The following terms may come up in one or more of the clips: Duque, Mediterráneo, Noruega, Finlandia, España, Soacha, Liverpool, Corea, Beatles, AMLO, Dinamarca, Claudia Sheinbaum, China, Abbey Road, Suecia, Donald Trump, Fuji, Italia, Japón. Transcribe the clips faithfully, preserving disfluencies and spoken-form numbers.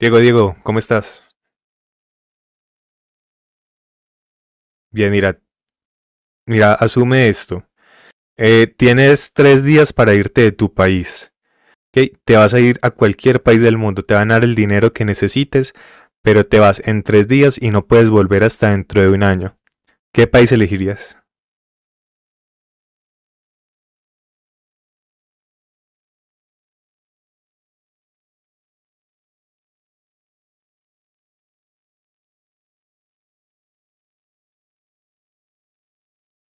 Diego, Diego, ¿cómo estás? Bien, mira, mira, asume esto. Eh, tienes tres días para irte de tu país. ¿Ok? Te vas a ir a cualquier país del mundo, te van a dar el dinero que necesites, pero te vas en tres días y no puedes volver hasta dentro de un año. ¿Qué país elegirías?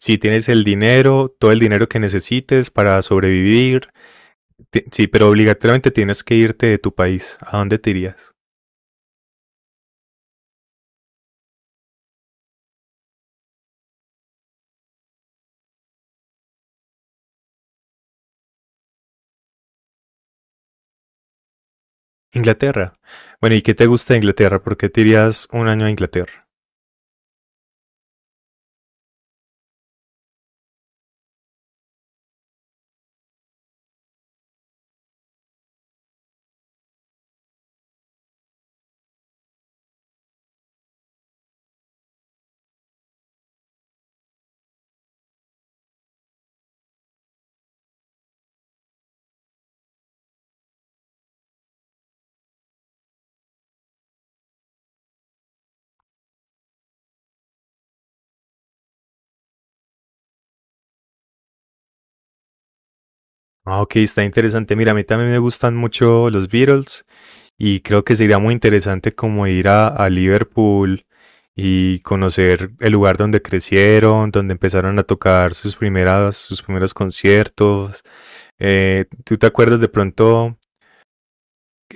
Si tienes el dinero, todo el dinero que necesites para sobrevivir, ti- sí, pero obligatoriamente tienes que irte de tu país. ¿A dónde te irías? Inglaterra. Bueno, ¿y qué te gusta de Inglaterra? ¿Por qué te irías un año a Inglaterra? Ah, ok, está interesante. Mira, a mí también me gustan mucho los Beatles y creo que sería muy interesante como ir a, a Liverpool y conocer el lugar donde crecieron, donde empezaron a tocar sus primeras, sus primeros conciertos. Eh, ¿tú te acuerdas de pronto?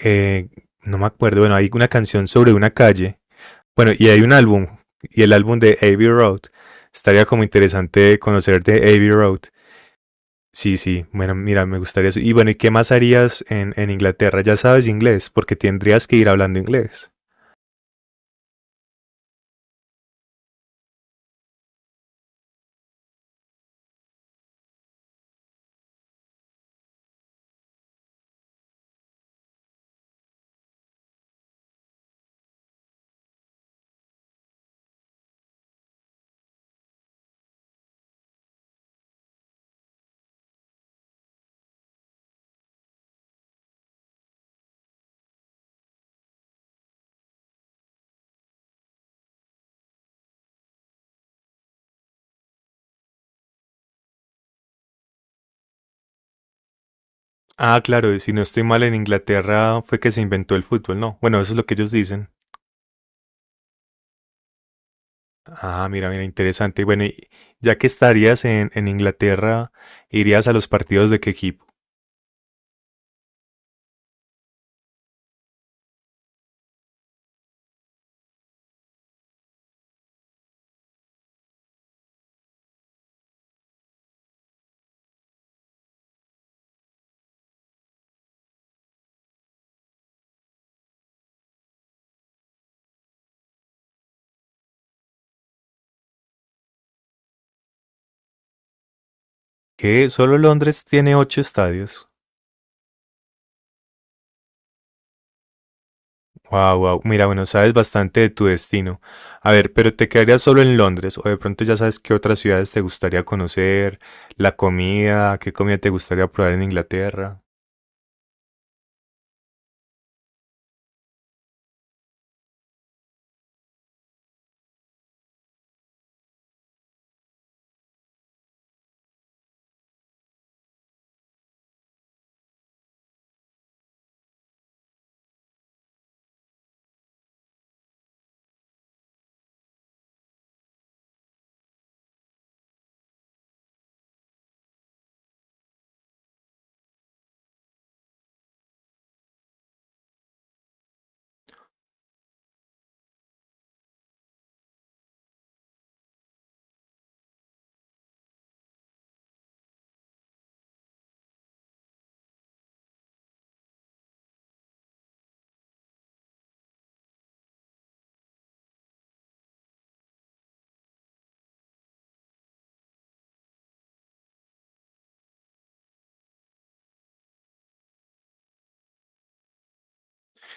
eh, no me acuerdo, bueno, hay una canción sobre una calle. Bueno, y hay un álbum, y el álbum de Abbey Road. Estaría como interesante conocer de Abbey Road. Sí, sí, bueno, mira, me gustaría eso. Y bueno, ¿y qué más harías en, en Inglaterra? Ya sabes inglés, porque tendrías que ir hablando inglés. Ah, claro, y si no estoy mal, en Inglaterra fue que se inventó el fútbol, ¿no? Bueno, eso es lo que ellos dicen. Ah, mira, mira, interesante. Bueno, y ya que estarías en, en Inglaterra, ¿irías a los partidos de qué equipo? Que solo Londres tiene ocho estadios. Wow, wow. Mira, bueno, sabes bastante de tu destino. A ver, pero ¿te quedarías solo en Londres o de pronto ya sabes qué otras ciudades te gustaría conocer, la comida, qué comida te gustaría probar en Inglaterra?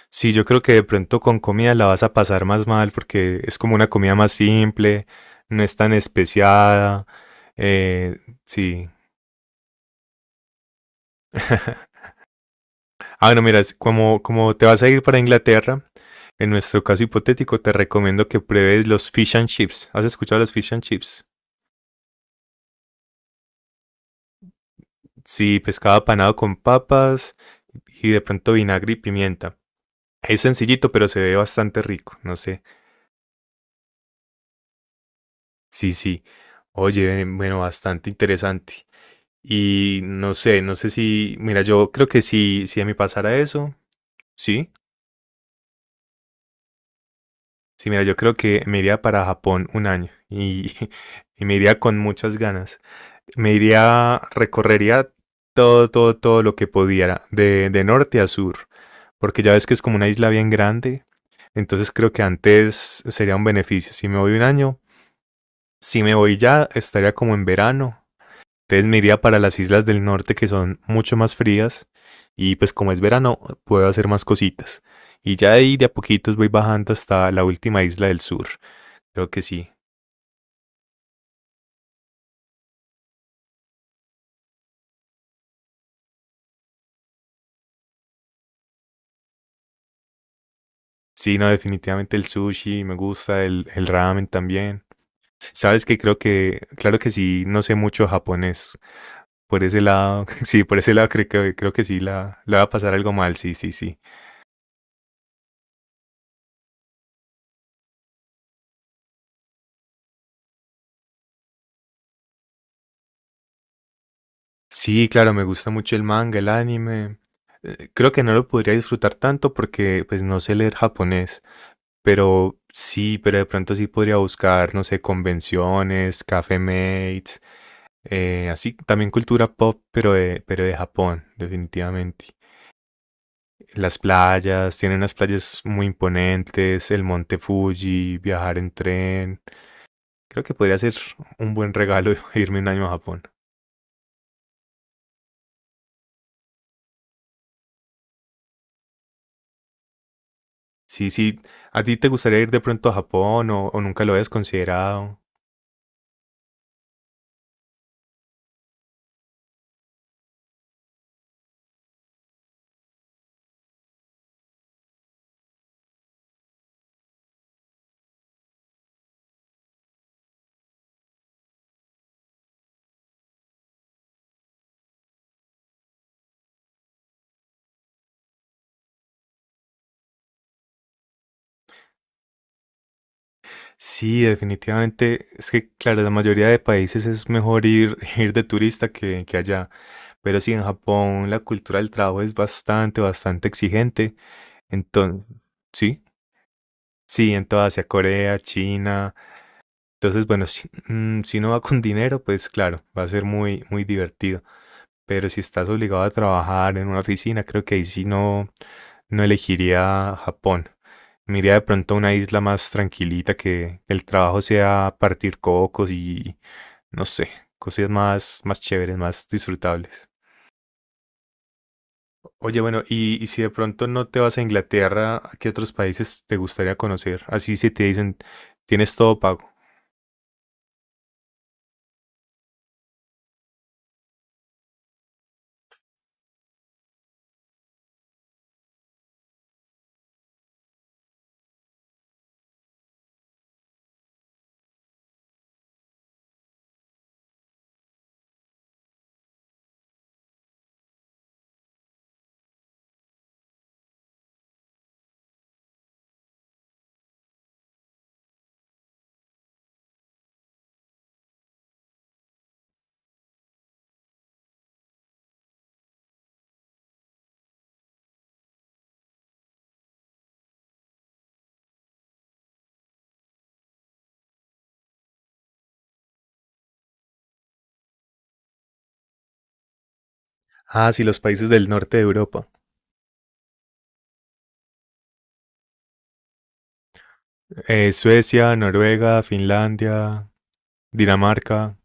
Sí, yo creo que de pronto con comida la vas a pasar más mal porque es como una comida más simple, no es tan especiada. eh, sí. Ah, bueno, mira, es como, como te vas a ir para Inglaterra, en nuestro caso hipotético, te recomiendo que pruebes los fish and chips. ¿Has escuchado los fish and chips? Sí, pescado apanado con papas y de pronto vinagre y pimienta. Es sencillito, pero se ve bastante rico. No sé. Sí, sí. Oye, bueno, bastante interesante. Y no sé, no sé si, mira, yo creo que si, si a mí pasara eso, sí. Sí, mira, yo creo que me iría para Japón un año y, y me iría con muchas ganas. Me iría, recorrería todo, todo, todo lo que pudiera, de, de norte a sur, porque ya ves que es como una isla bien grande. Entonces creo que antes sería un beneficio. Si me voy un año, si me voy ya, estaría como en verano. Entonces me iría para las islas del norte que son mucho más frías. Y pues como es verano, puedo hacer más cositas. Y ya ahí de a poquitos voy bajando hasta la última isla del sur. Creo que sí. Sí, no, definitivamente el sushi me gusta, el, el ramen también. Sabes que creo que, claro que sí, no sé mucho japonés. Por ese lado, sí, por ese lado creo que, creo que sí la, la va a pasar algo mal, sí, sí, sí. Sí, claro, me gusta mucho el manga, el anime. Eh, Creo que no lo podría disfrutar tanto porque pues no sé leer japonés, pero sí, pero de pronto sí podría buscar, no sé, convenciones, café mates, eh, así también cultura pop, pero de, pero de Japón, definitivamente. Las playas, tienen unas playas muy imponentes, el monte Fuji, viajar en tren. Creo que podría ser un buen regalo irme un año a Japón. Sí, sí. ¿A ti te gustaría ir de pronto a Japón o, o nunca lo habías considerado? Sí, definitivamente. Es que, claro, la mayoría de países es mejor ir, ir de turista que, que allá. Pero sí, en Japón la cultura del trabajo es bastante, bastante exigente. Entonces, sí, sí, en, toda Asia, Corea, China. Entonces, bueno, si, mm, si no va con dinero, pues claro, va a ser muy, muy divertido. Pero si estás obligado a trabajar en una oficina, creo que ahí sí no, no elegiría Japón. Me iría de pronto a una isla más tranquilita que el trabajo sea partir cocos y no sé, cosas más, más chéveres, más disfrutables. Oye, bueno, y, y si de pronto no te vas a Inglaterra, ¿a qué otros países te gustaría conocer? Así si te dicen, tienes todo pago. Ah, sí, los países del norte de Europa. Eh, Suecia, Noruega, Finlandia, Dinamarca.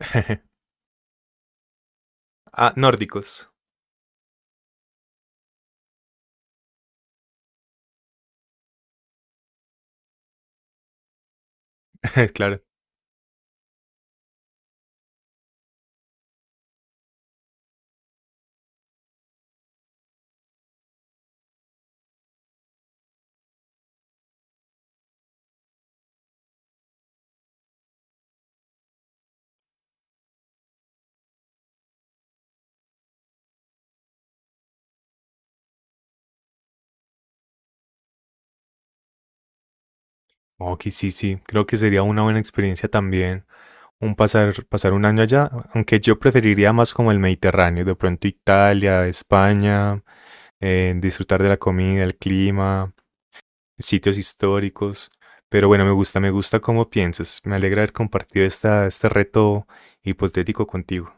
Ah, nórdicos. Claro. Ok, sí, sí. Creo que sería una buena experiencia también un pasar, pasar un año allá, aunque yo preferiría más como el Mediterráneo, de pronto Italia, España, eh, disfrutar de la comida, el clima, sitios históricos. Pero bueno, me gusta, me gusta cómo piensas. Me alegra haber compartido esta, este reto hipotético contigo.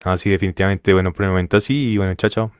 Así definitivamente. Bueno, por el momento así y bueno, chao, chao.